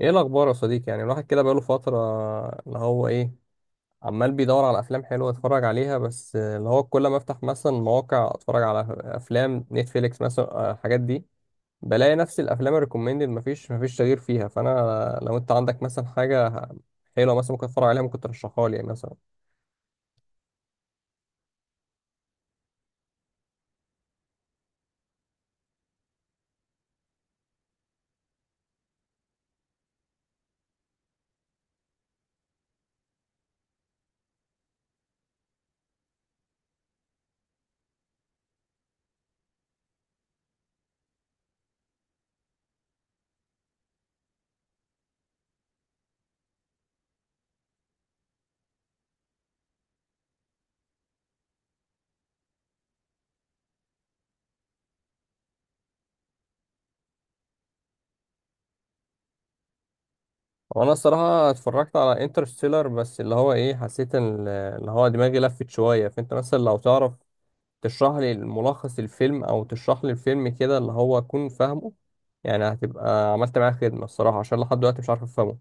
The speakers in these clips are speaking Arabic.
ايه الاخبار يا صديقي؟ يعني الواحد كده بقاله فتره اللي هو ايه، عمال بيدور على افلام حلوه يتفرج عليها. بس اللي هو كل ما افتح مثلا مواقع اتفرج على افلام نتفليكس مثلا الحاجات دي، بلاقي نفس الافلام الريكومندد، مفيش تغيير فيها. فانا لو انت عندك مثلا حاجه حلوه مثلا ممكن اتفرج عليها ممكن ترشحها لي، يعني مثلا. وانا الصراحه اتفرجت على انترستيلر، بس اللي هو ايه، حسيت ان اللي هو دماغي لفت شويه. فانت مثلا لو تعرف تشرح لي ملخص الفيلم او تشرح لي الفيلم كده اللي هو اكون فاهمه، يعني هتبقى عملت معايا خدمه الصراحه، عشان لحد دلوقتي مش عارف افهمه.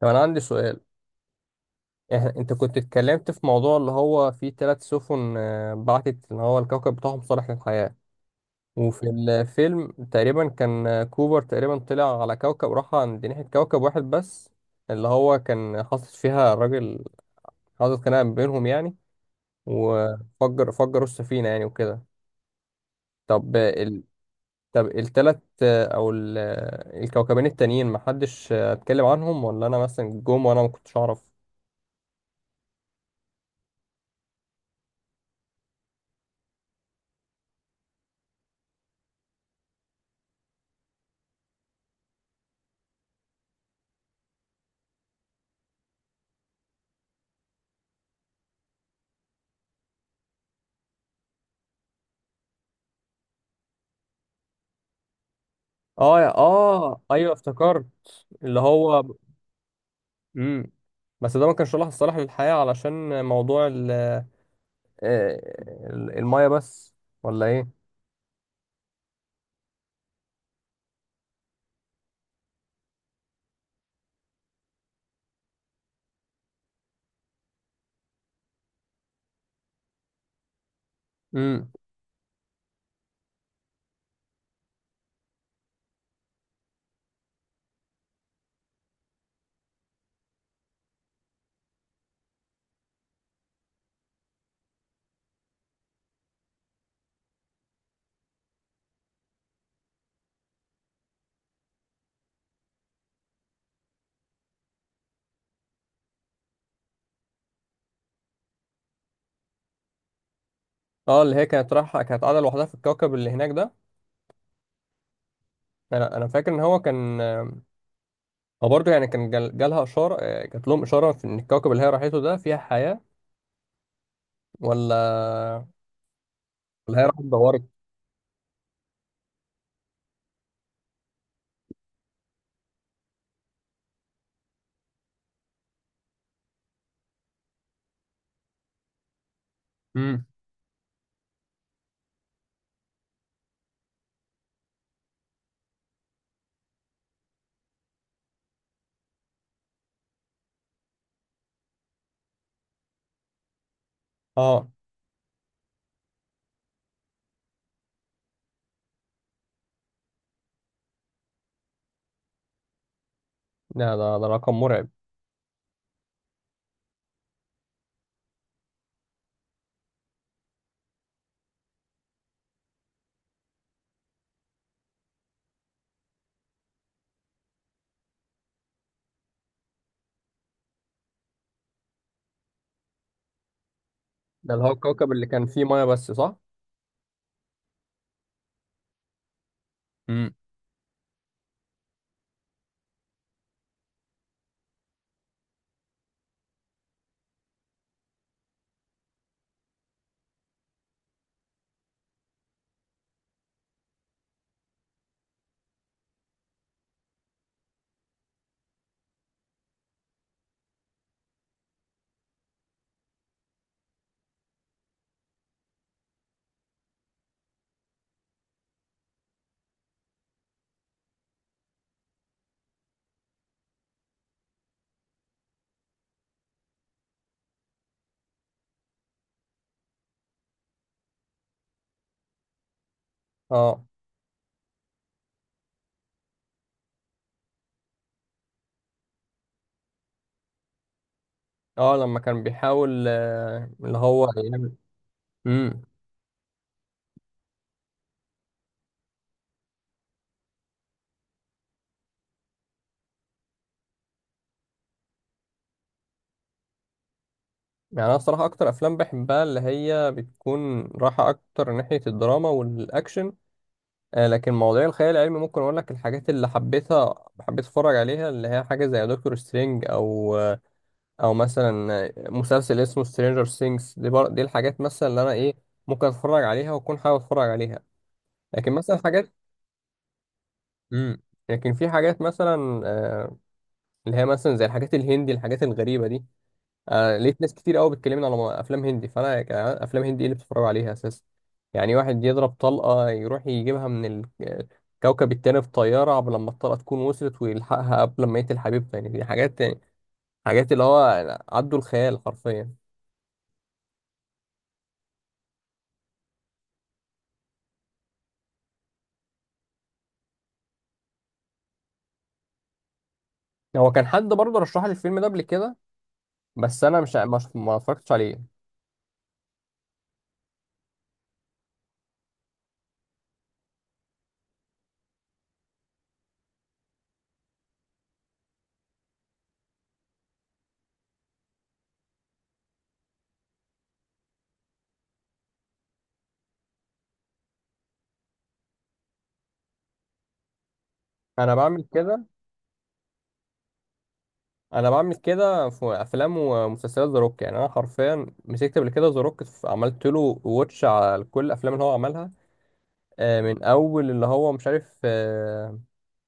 طب انا عندي سؤال، انت كنت اتكلمت في موضوع اللي هو في ثلاث سفن بعتت اللي هو الكوكب بتاعهم صالح للحياه. وفي الفيلم تقريبا كان كوبر تقريبا طلع على كوكب، راح عند ناحيه كوكب واحد بس، اللي هو كان حاطط فيها الراجل، حاطط خناقه بينهم يعني، وفجر فجروا السفينه يعني وكده. طب، التلات او الكوكبين التانيين محدش اتكلم عنهم، ولا انا مثلا جم وانا ما كنتش اعرف؟ اه اه ايوه افتكرت اللي هو. امم، بس ده ما كانش الله الصالح للحياة علشان موضوع آه، المية بس ولا ايه؟ امم. اه، اللي هي كانت رايحة كانت قاعدة لوحدها في الكوكب اللي هناك ده. انا فاكر ان هو كان، هو برضه يعني كان جالها اشارة، جات لهم اشارة في ان الكوكب اللي هي راحته ده فيها حياة ولا؟ هي راحت دورت. اه. لا، ده رقم مرعب. ده اللي هو الكوكب اللي كان فيه ميه بس، صح؟ امم. اه، اه، لما كان بيحاول اللي هو يعمل. امم. يعني انا الصراحه اكتر افلام بحبها اللي هي بتكون رايحه اكتر ناحيه الدراما والاكشن. آه، لكن مواضيع الخيال العلمي ممكن اقول لك الحاجات اللي حبيتها حبيت اتفرج عليها، اللي هي حاجه زي دكتور سترينج، او او مثلا مسلسل اسمه سترينجر سينجز. دي الحاجات مثلا اللي انا ايه، ممكن اتفرج عليها واكون حابب اتفرج عليها. لكن مثلا حاجات، امم، لكن في حاجات مثلا اللي هي مثلا زي الحاجات الهندي، الحاجات الغريبة دي. لقيت ناس كتير قوي بتكلمني على افلام هندي. فانا افلام هندي ايه اللي بتتفرجوا عليها اساسا؟ يعني واحد يضرب طلقة يروح يجيبها من الكوكب التاني بطيارة قبل لما الطلقة تكون وصلت، ويلحقها قبل ما يقتل حبيبته. يعني دي حاجات يعني، حاجات اللي هو عدوا الخيال حرفيا. هو كان حد برضه رشح لي الفيلم ده قبل كده، بس انا مش ما اتفرجتش عليه. انا بعمل كده. انا بعمل كده في افلام ومسلسلات. ذا روك، يعني انا حرفيا مسكت قبل كده ذا روك، عملت له واتش على كل الافلام اللي هو عملها. من اول اللي هو مش عارف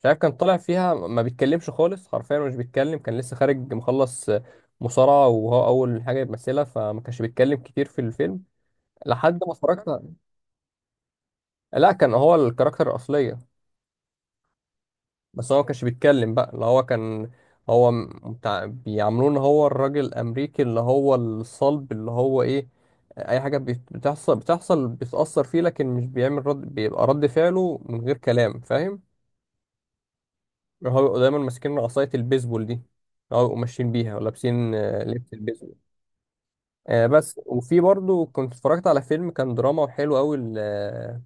مش عارف، كان طالع فيها ما بيتكلمش خالص، حرفيا مش بيتكلم، كان لسه خارج مخلص مصارعة وهو اول حاجة يمثلها، فما كانش بيتكلم كتير في الفيلم لحد ما اتفرجت. لا، كان هو الكاركتر الاصلية، بس هو ما كانش بيتكلم بقى. اللي هو كان بتاع بيعاملوه ان هو الراجل الامريكي اللي هو الصلب اللي هو ايه، اي حاجه بتحصل، بتحصل بتاثر فيه، لكن مش بيعمل رد، بيبقى رد فعله من غير كلام، فاهم؟ هو بيبقوا دايما ماسكين عصايه البيسبول دي، هو بيبقوا ماشيين بيها ولابسين لبس البيسبول. آه بس، وفي برضو كنت اتفرجت على فيلم كان دراما وحلو قوي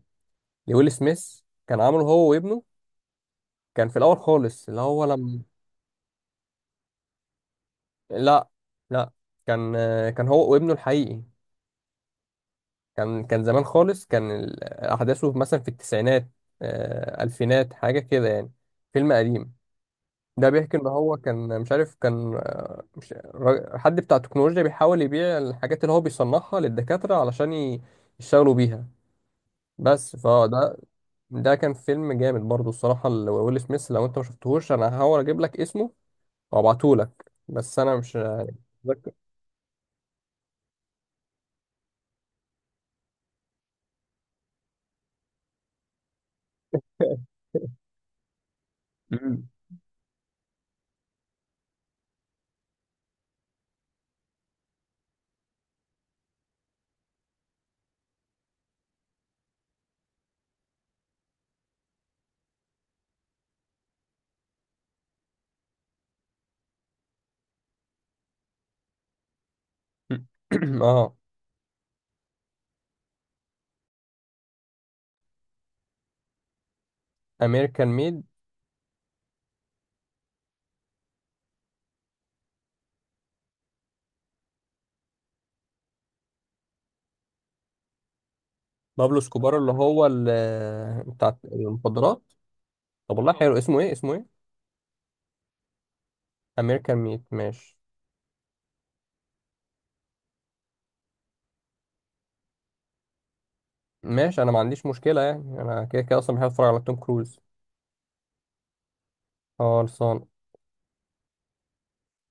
لويل سميث، كان عامله هو وابنه. كان في الاول خالص اللي هو لما، لا، لا، كان كان هو وابنه الحقيقي. كان كان زمان خالص، كان احداثه مثلا في التسعينات الفينات حاجه كده يعني. فيلم قديم. ده بيحكي ان هو كان مش عارف، كان مش را- حد بتاع تكنولوجيا بيحاول يبيع الحاجات اللي هو بيصنعها للدكاتره علشان يشتغلوا بيها. بس فده، ده كان فيلم جامد برضو الصراحه لويل سميث، لو انت ما شفتهوش انا هحاول اجيب لك اسمه وابعته لك، بس انا مش متذكر. مم. اه. امريكان ميد. بابلو سكوبار اللي هو بتاع المخدرات. طب والله حلو، اسمه ايه اسمه ايه؟ امريكان ميد، ماشي. ماشي، انا ما عنديش مشكله، يعني انا كده كده اصلا بحب اتفرج على توم كروز. اه، خلصان.